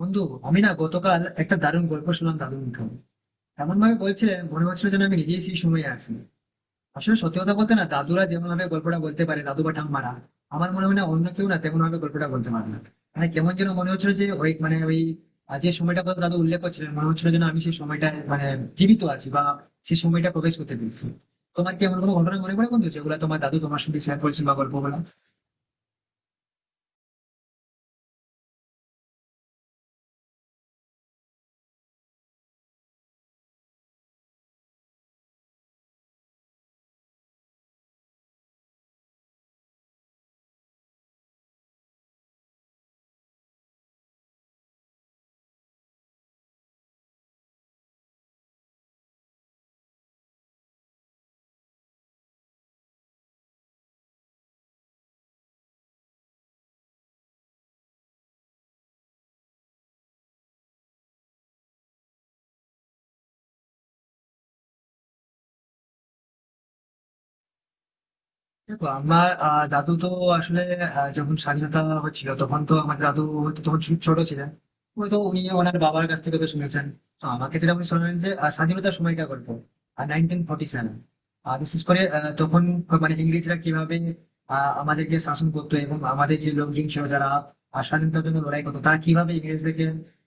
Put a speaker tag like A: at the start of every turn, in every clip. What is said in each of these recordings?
A: বন্ধু, আমি না গতকাল একটা দারুণ গল্প শুনলাম দাদুর মুখে। এমন ভাবে বলছিলেন মনে হচ্ছিল যেন আমি নিজেই সেই সময়ে আছি। আসলে সত্যি কথা বলতে না দাদুরা যেমন ভাবে গল্পটা বলতে পারে, দাদু বা ঠাম্মারা, আমার মনে হয় না অন্য কেউ না তেমন ভাবে গল্পটা বলতে পারে না। মানে কেমন যেন মনে হচ্ছিল যে ওই মানে ওই যে সময়টা কথা দাদু উল্লেখ করছিলেন মনে হচ্ছিল যেন আমি সেই সময়টা মানে জীবিত আছি বা সেই সময়টা প্রবেশ করতে পেরেছি। তোমার কি এমন কোনো ঘটনা মনে পড়ে বন্ধু, যেগুলো তোমার দাদু তোমার সঙ্গে শেয়ার করেছেন বা গল্প বলা? দেখো আমার দাদু তো আসলে যখন স্বাধীনতা হচ্ছিল তখন তো আমার দাদু হয়তো তখন ছোট ছিলেন। হয়তো উনি ওনার বাবার কাছ থেকে তো শুনেছেন। তো আমাকে যেটা উনি শোনালেন, যে স্বাধীনতার সময়কার গল্প, 1947। বিশেষ করে তখন মানে ইংরেজরা কিভাবে আমাদেরকে শাসন করতো, এবং আমাদের যে লোকজন ছিল যারা স্বাধীনতার জন্য লড়াই করতো, তারা কিভাবে ইংরেজদেরকে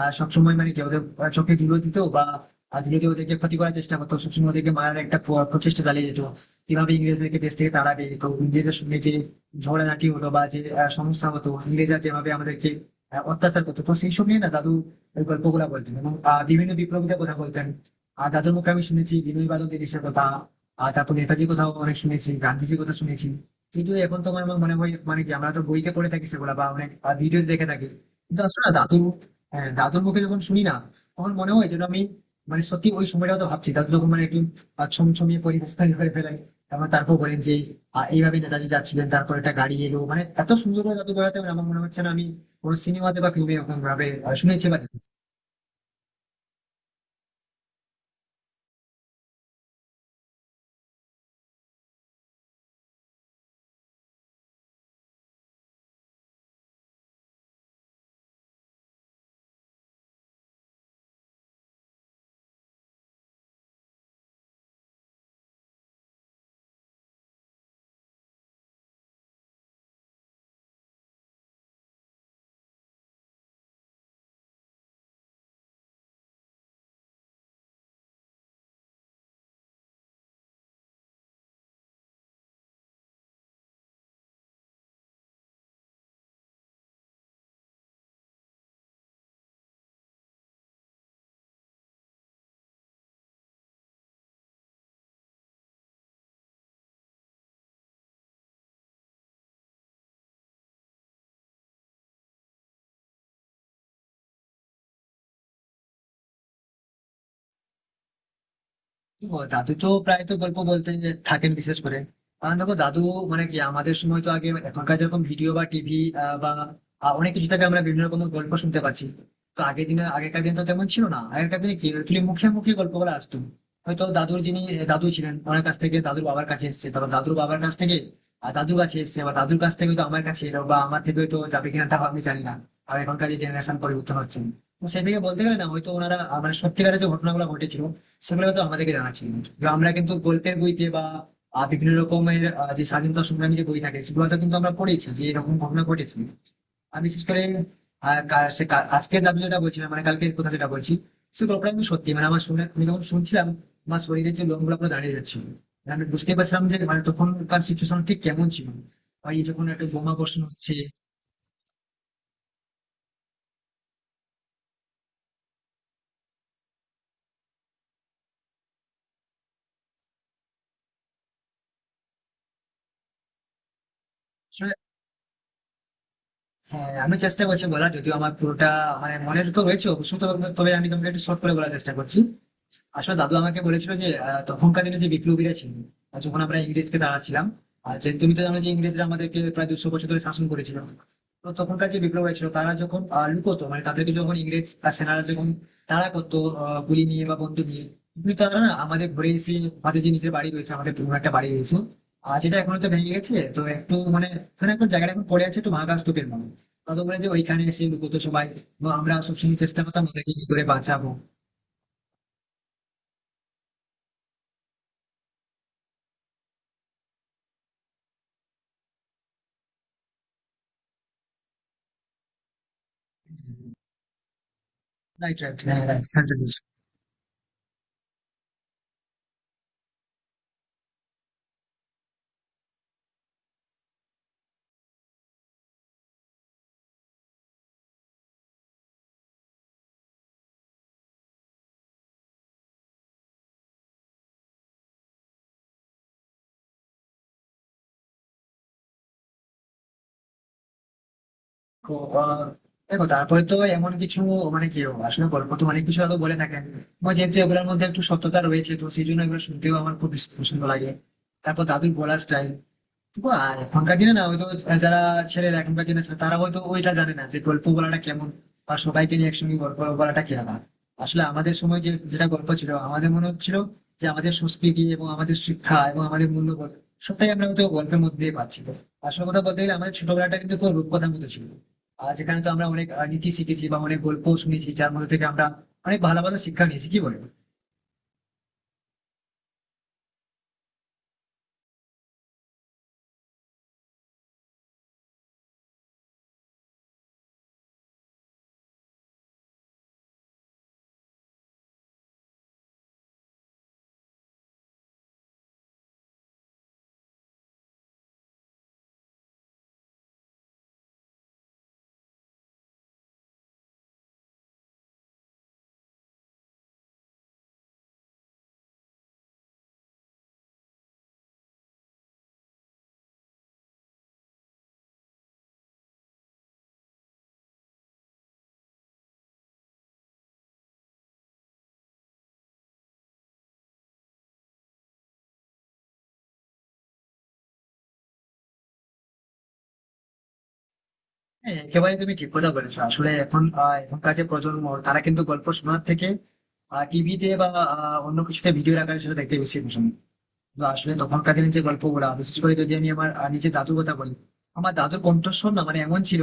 A: সবসময় মানে কি ওদের চোখে ধুলো দিত, বা ধুলো দিয়ে ওদেরকে ক্ষতি করার চেষ্টা করতো, সবসময় ওদেরকে মারার একটা প্রচেষ্টা চালিয়ে যেত কিভাবে ইংরেজদেরকে দেশ থেকে তাড়াবে। তো ইংরেজের সঙ্গে যে ঝগড়াঝাটি হলো, বা যে সমস্যা হতো, ইংরেজরা যেভাবে আমাদেরকে অত্যাচার করতো, তো সেই সব নিয়ে না দাদু ওই গল্পগুলা বলতেন, এবং বিভিন্ন বিপ্লবীদের কথা বলতেন। আর দাদুর মুখে আমি শুনেছি বিনয় বাদল দেশের কথা, আর তারপর নেতাজির কথাও অনেক শুনেছি, গান্ধীজির কথা শুনেছি। কিন্তু এখন তোমার আমার আমার মনে হয় মানে কি আমরা তো বইতে পড়ে থাকি সেগুলা, বা অনেক ভিডিও দেখে থাকি, কিন্তু আসলে না দাদু, হ্যাঁ, দাদুর মুখে যখন শুনি না তখন মনে হয় যেন আমি মানে সত্যি ওই সময়টা তো ভাবছি। দাদু যখন মানে একটু ছমছমিয়ে পরিবেশ তৈরি করে ফেলেন, এবং তারপর বলেন যে এইভাবে নেতাজি যাচ্ছিলেন, তারপর একটা গাড়ি এলো, মানে এত সুন্দর করে জাদু করাতে আমার মনে হচ্ছে না আমি কোনো সিনেমাতে বা ফিল্মে এরকম ভাবে শুনেছি বা দেখেছি। ও দাদু তো প্রায় তো গল্প বলতে থাকেন, বিশেষ করে কারণ দেখো দাদু মানে কি আমাদের সময় তো আগে এখনকার যেরকম ভিডিও বা টিভি বা অনেক কিছু থেকে আমরা বিভিন্ন রকম গল্প শুনতে পাচ্ছি। তো আগের দিনে, আগেকার দিন তো তেমন ছিল না, আগেকার দিনে কি অ্যাকচুয়ালি মুখে মুখে গল্পগুলো আসতো। হয়তো দাদুর যিনি দাদু ছিলেন ওনার কাছ থেকে দাদুর বাবার কাছে এসেছে, তারপর দাদুর বাবার কাছ থেকে আর দাদুর কাছে এসেছে, বা দাদুর কাছ থেকে তো আমার কাছে এলো, বা আমার থেকে তো যাবে কিনা তাও আমি জানি না। আর এখনকার যে জেনারেশন পরিবর্তন হচ্ছে, তো সেই থেকে বলতে গেলে না হয়তো ওনারা মানে সত্যিকারের যে ঘটনাগুলো ঘটেছিল সেগুলো তো আমাদেরকে জানাচ্ছে, কিন্তু আমরা কিন্তু গল্পের বইতে বা বিভিন্ন রকমের যে স্বাধীনতা সংগ্রামী যে বই থাকে সেগুলোতে কিন্তু আমরা পড়েছি যে এরকম ঘটনা ঘটেছে। আমি বিশেষ করে আহ, কা- সে কা- আজকের দাদু যেটা বলছিলাম মানে কালকের কথা যেটা বলছি, সে গল্পটা কিন্তু সত্যি, মানে আমার শুনে আমি যখন শুনছিলাম, আমার শরীরের যে লোমগুলো পুরো দাঁড়িয়ে যাচ্ছিল। মানে আমি বুঝতে পারছিলাম যে মানে তখনকার সিচুয়েশন ঠিক কেমন ছিল, ওই যখন একটা বোমা বর্ষণ হচ্ছে। আসলে, হ্যাঁ আমি চেষ্টা করছি বলার, যদিও আমার পুরোটা মানে মনে তো রয়েছে অবশ্যই, তবে তবে আমি তোমাকে একটু শর্ট করে বলার চেষ্টা করছি। আসলে দাদু আমাকে বলেছিল যে তখনকার দিনে যে বিপ্লবীরা ছিল, যখন আমরা ইংরেজকে দাঁড়াচ্ছিলাম, আর যে তুমি তো জানো যে ইংরেজরা আমাদেরকে প্রায় 200 বছর ধরে শাসন করেছিল। তো তখনকার যে বিপ্লবীরা ছিল তারা যখন লুকোতো, মানে তাদেরকে যখন ইংরেজ সেনারা যখন তারা করতো গুলি নিয়ে বা বন্দুক নিয়ে, কিন্তু তারা না আমাদের ঘরে এসে, আমাদের যে নিজের বাড়ি রয়েছে, আমাদের পুরনো একটা বাড়ি রয়েছে, আর যেটা এখন তো ভেঙে গেছে, তো একটু মানে ওখানে এখন জায়গাটা এখন পড়ে আছে একটু ভাঙা স্তূপের মতো, তাদের বলে যে ওইখানে এসে লুকোতো সবাই। এবং আমরা সবসময় চেষ্টা করতাম ওদেরকে কি করে বাঁচাবো। রাইট, রাইট, হ্যাঁ, হ্যাঁ, সেন্ট লুইস। তো আহ, দেখো তারপরে তো এমন কিছু মানে কি আসলে গল্প তো অনেক কিছু হয়তো বলে থাকেন, এবং যেহেতু এগুলোর মধ্যে একটু সত্যতা রয়েছে তো সেই জন্য এগুলো শুনতেও আমার খুব বেশ পছন্দ লাগে। তারপর দাদুর বলার স্টাইল, তবু আর এখনকার দিনে না হয়তো যারা ছেলেরা এখনকার দিনে ছেলে, তারা হয়তো ওইটা জানে না যে গল্প বলাটা কেমন, বা সবাইকে নিয়ে একসঙ্গে গল্প বলাটা কেমন। আসলে আমাদের সময় যে যেটা গল্প ছিল, আমাদের মনে হচ্ছিল যে আমাদের সংস্কৃতি এবং আমাদের শিক্ষা এবং আমাদের মূল্যবোধ সবটাই আমরা হয়তো গল্পের মধ্যে দিয়ে পাচ্ছি। আসল কথা বলতে গেলে আমাদের ছোটবেলাটা কিন্তু পুরো রূপকথার মতো ছিল, আর যেখানে তো আমরা অনেক নীতি শিখেছি বা অনেক গল্প শুনেছি, যার মধ্যে থেকে আমরা অনেক ভালো ভালো শিক্ষা নিয়েছি, কি বলেন? হ্যাঁ একেবারে তুমি ঠিক কথা বলেছো। আসলে এখন এখনকার যে প্রজন্ম, তারা কিন্তু গল্প শোনার থেকে টিভিতে বা অন্য কিছুতে ভিডিও আকারে সেটা দেখতে বেশি পছন্দ। তো আসলে তখনকার দিনের যে গল্পগুলা, বিশেষ করে যদি আমি আমার নিজের দাদুর কথা বলি, আমার দাদুর কণ্ঠস্বর না মানে এমন ছিল,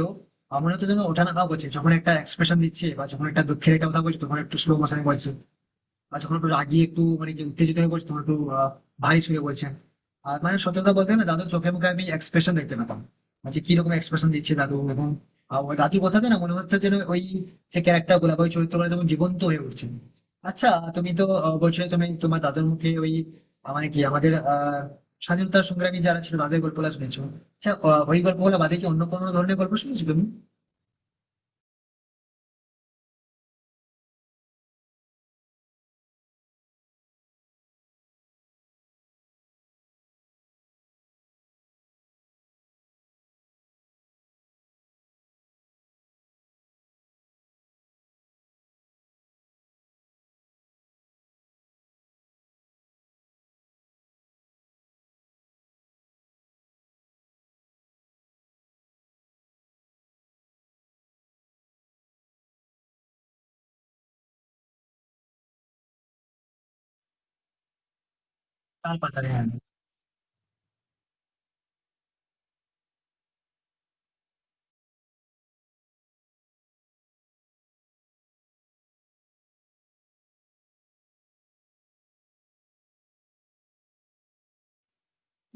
A: আমার তো যেন ওঠা নামা করছে। যখন একটা এক্সপ্রেশন দিচ্ছে, বা যখন একটা দুঃখের একটা কথা বলছে তখন একটু স্লো মোশনে বলছে, বা যখন একটু রাগিয়ে একটু মানে কি উত্তেজিত হয়ে পড়ছে তখন একটু ভারী সুরে বলছেন। আর মানে সত্যি কথা বলতে না দাদুর চোখে মুখে আমি এক্সপ্রেশন দেখতে পেতাম, আর যে কিরকম এক্সপ্রেশন দিচ্ছে দাদু, এবং ওই দাদুর কথাতে না মনে হচ্ছে যেন ওই যে ক্যারেক্টার গুলা বা ওই চরিত্রগুলো যখন জীবন্ত হয়ে উঠছে। আচ্ছা, তুমি তো বলছিলে তুমি তোমার দাদুর মুখে ওই মানে কি আমাদের স্বাধীনতা সংগ্রামী যারা ছিল তাদের গল্পগুলো শুনেছো। আচ্ছা ওই গল্পগুলো বাদে কি অন্য কোনো ধরনের গল্প শুনেছো তুমি? তাল পাতালে, হ্যাঁ।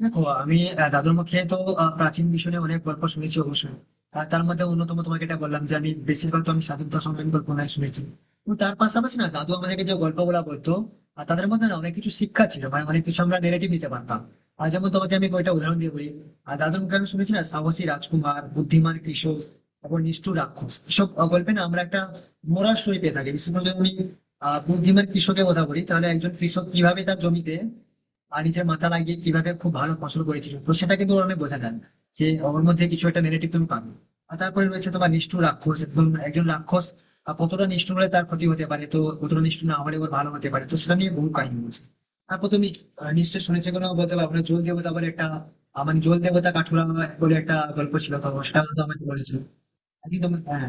A: দেখো আমি দাদুর মুখে তো প্রাচীন বিষয় নিয়ে অনেক গল্প শুনেছি অবশ্যই। আর তার মধ্যে অন্যতম তোমাকে এটা বললাম যে আমি বেশিরভাগ তো আমি স্বাধীনতা সংগ্রামী গল্পনায় শুনেছি, এবং তার পাশাপাশি না দাদু আমাদেরকে যে গল্পগুলা বলতো, আর তাদের মধ্যে না অনেক কিছু শিক্ষা ছিল, মানে অনেক কিছু আমরা নেগেটিভ নিতে পারতাম। আর যেমন তোমাকে আমি কয়েকটা উদাহরণ দিয়ে বলি, আর দাদুর মুখে আমি শুনেছি না সাহসী রাজকুমার, বুদ্ধিমান কৃষক এবং নিষ্ঠুর রাক্ষস, এসব গল্পে না আমরা একটা মোরাল স্টোরি পেয়ে থাকি। বিশেষ করে যদি আমি বুদ্ধিমান কৃষকের কথা বলি, তাহলে একজন কৃষক কিভাবে তার জমিতে আর নিজের মাথা লাগিয়ে কিভাবে খুব ভালো ফসল করেছিল, তো সেটা কিন্তু ওর অনেক বোঝা যায় যে ওর মধ্যে কিছু একটা নেগেটিভ তুমি পাবে। আর তারপরে রয়েছে তোমার নিষ্ঠুর রাক্ষস, একদম একজন রাক্ষস কতটা নিষ্ঠুর হলে তার ক্ষতি হতে পারে, তো কতটা নিষ্ঠুর না হলে ওর ভালো হতে পারে, তো সেটা নিয়ে বহু কাহিনী বলছে। তারপর তুমি নিশ্চয়ই শুনেছে কোনো বলতে পারবো না, জল দেবতা বলে একটা, মানে জল দেবতা কাঠুরা বলে একটা গল্প ছিল, তো সেটা তো আমাকে বলেছে। আই থিঙ্ক তোমার, হ্যাঁ।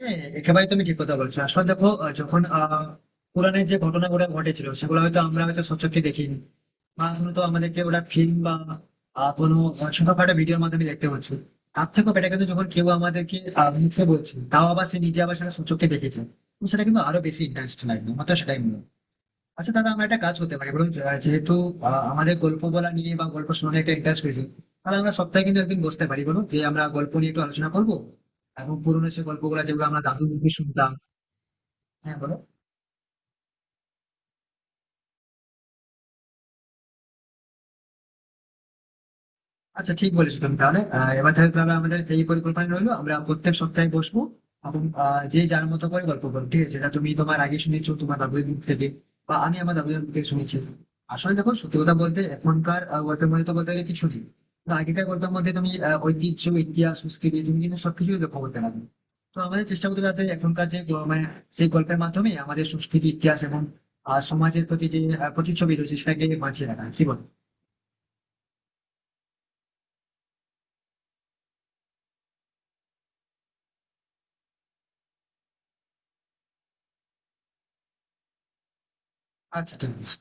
A: হ্যাঁ একেবারে তুমি ঠিক কথা বলছো। আসলে দেখো যখন পুরাণের যে ঘটনাগুলো ঘটেছিল সেগুলো হয়তো আমরা হয়তো সচক্ষে দেখিনি, বা হয়তো আমাদেরকে ওটা ফিল্ম বা কোনো ছোটখাটো ভিডিওর মাধ্যমে দেখতে হচ্ছে। তার থেকেও বেটার কিন্তু যখন কেউ আমাদেরকে মুখে বলছে, তাও আবার সে নিজে আবার সেটা সচক্ষে দেখেছে, তো সেটা কিন্তু আরো বেশি ইন্টারেস্ট লাগবে, আমার তো সেটাই মনে হয়। আচ্ছা দাদা, আমরা একটা কাজ করতে পারি বলুন তো, যেহেতু আমাদের গল্প বলা নিয়ে বা গল্প শোনা একটা ইন্টারেস্ট রয়েছে, তাহলে আমরা সপ্তাহে কিন্তু একদিন বসতে পারি, বলুন, যে আমরা গল্প নিয়ে একটু আলোচনা করবো, এবং পুরোনো সে গল্পগুলো যেগুলো আমরা দাদু মুখে শুনতাম। হ্যাঁ বলো। আচ্ছা ঠিক বলেছো তুমি। তাহলে এবার তাহলে তাহলে আমাদের এই পরিকল্পনা রইলো, আমরা প্রত্যেক সপ্তাহে বসবো, এবং যে যার মতো করে গল্প করবো, ঠিক আছে? এটা তুমি তোমার আগে শুনেছো তোমার দাদুর মুখ থেকে, বা আমি আমার দাদুর মুখ থেকে শুনেছি। আসলে দেখো, সত্যি কথা বলতে এখনকার গল্পের মধ্যে তো বলতে গেলে কিছু নেই, কিন্তু আগেকার গল্পের মধ্যে তুমি ঐতিহ্য, ইতিহাস, সংস্কৃতি, তুমি কিন্তু সবকিছুই লক্ষ্য করতে পারবে। তো আমাদের চেষ্টা করতে হবে যাতে এখনকার যে মানে সেই গল্পের মাধ্যমে আমাদের সংস্কৃতি, ইতিহাস এবং সমাজের প্রতি যে প্রতিচ্ছবি রয়েছে সেটাকে বাঁচিয়ে রাখা, কি বল? আচ্ছা ঠিক আছে।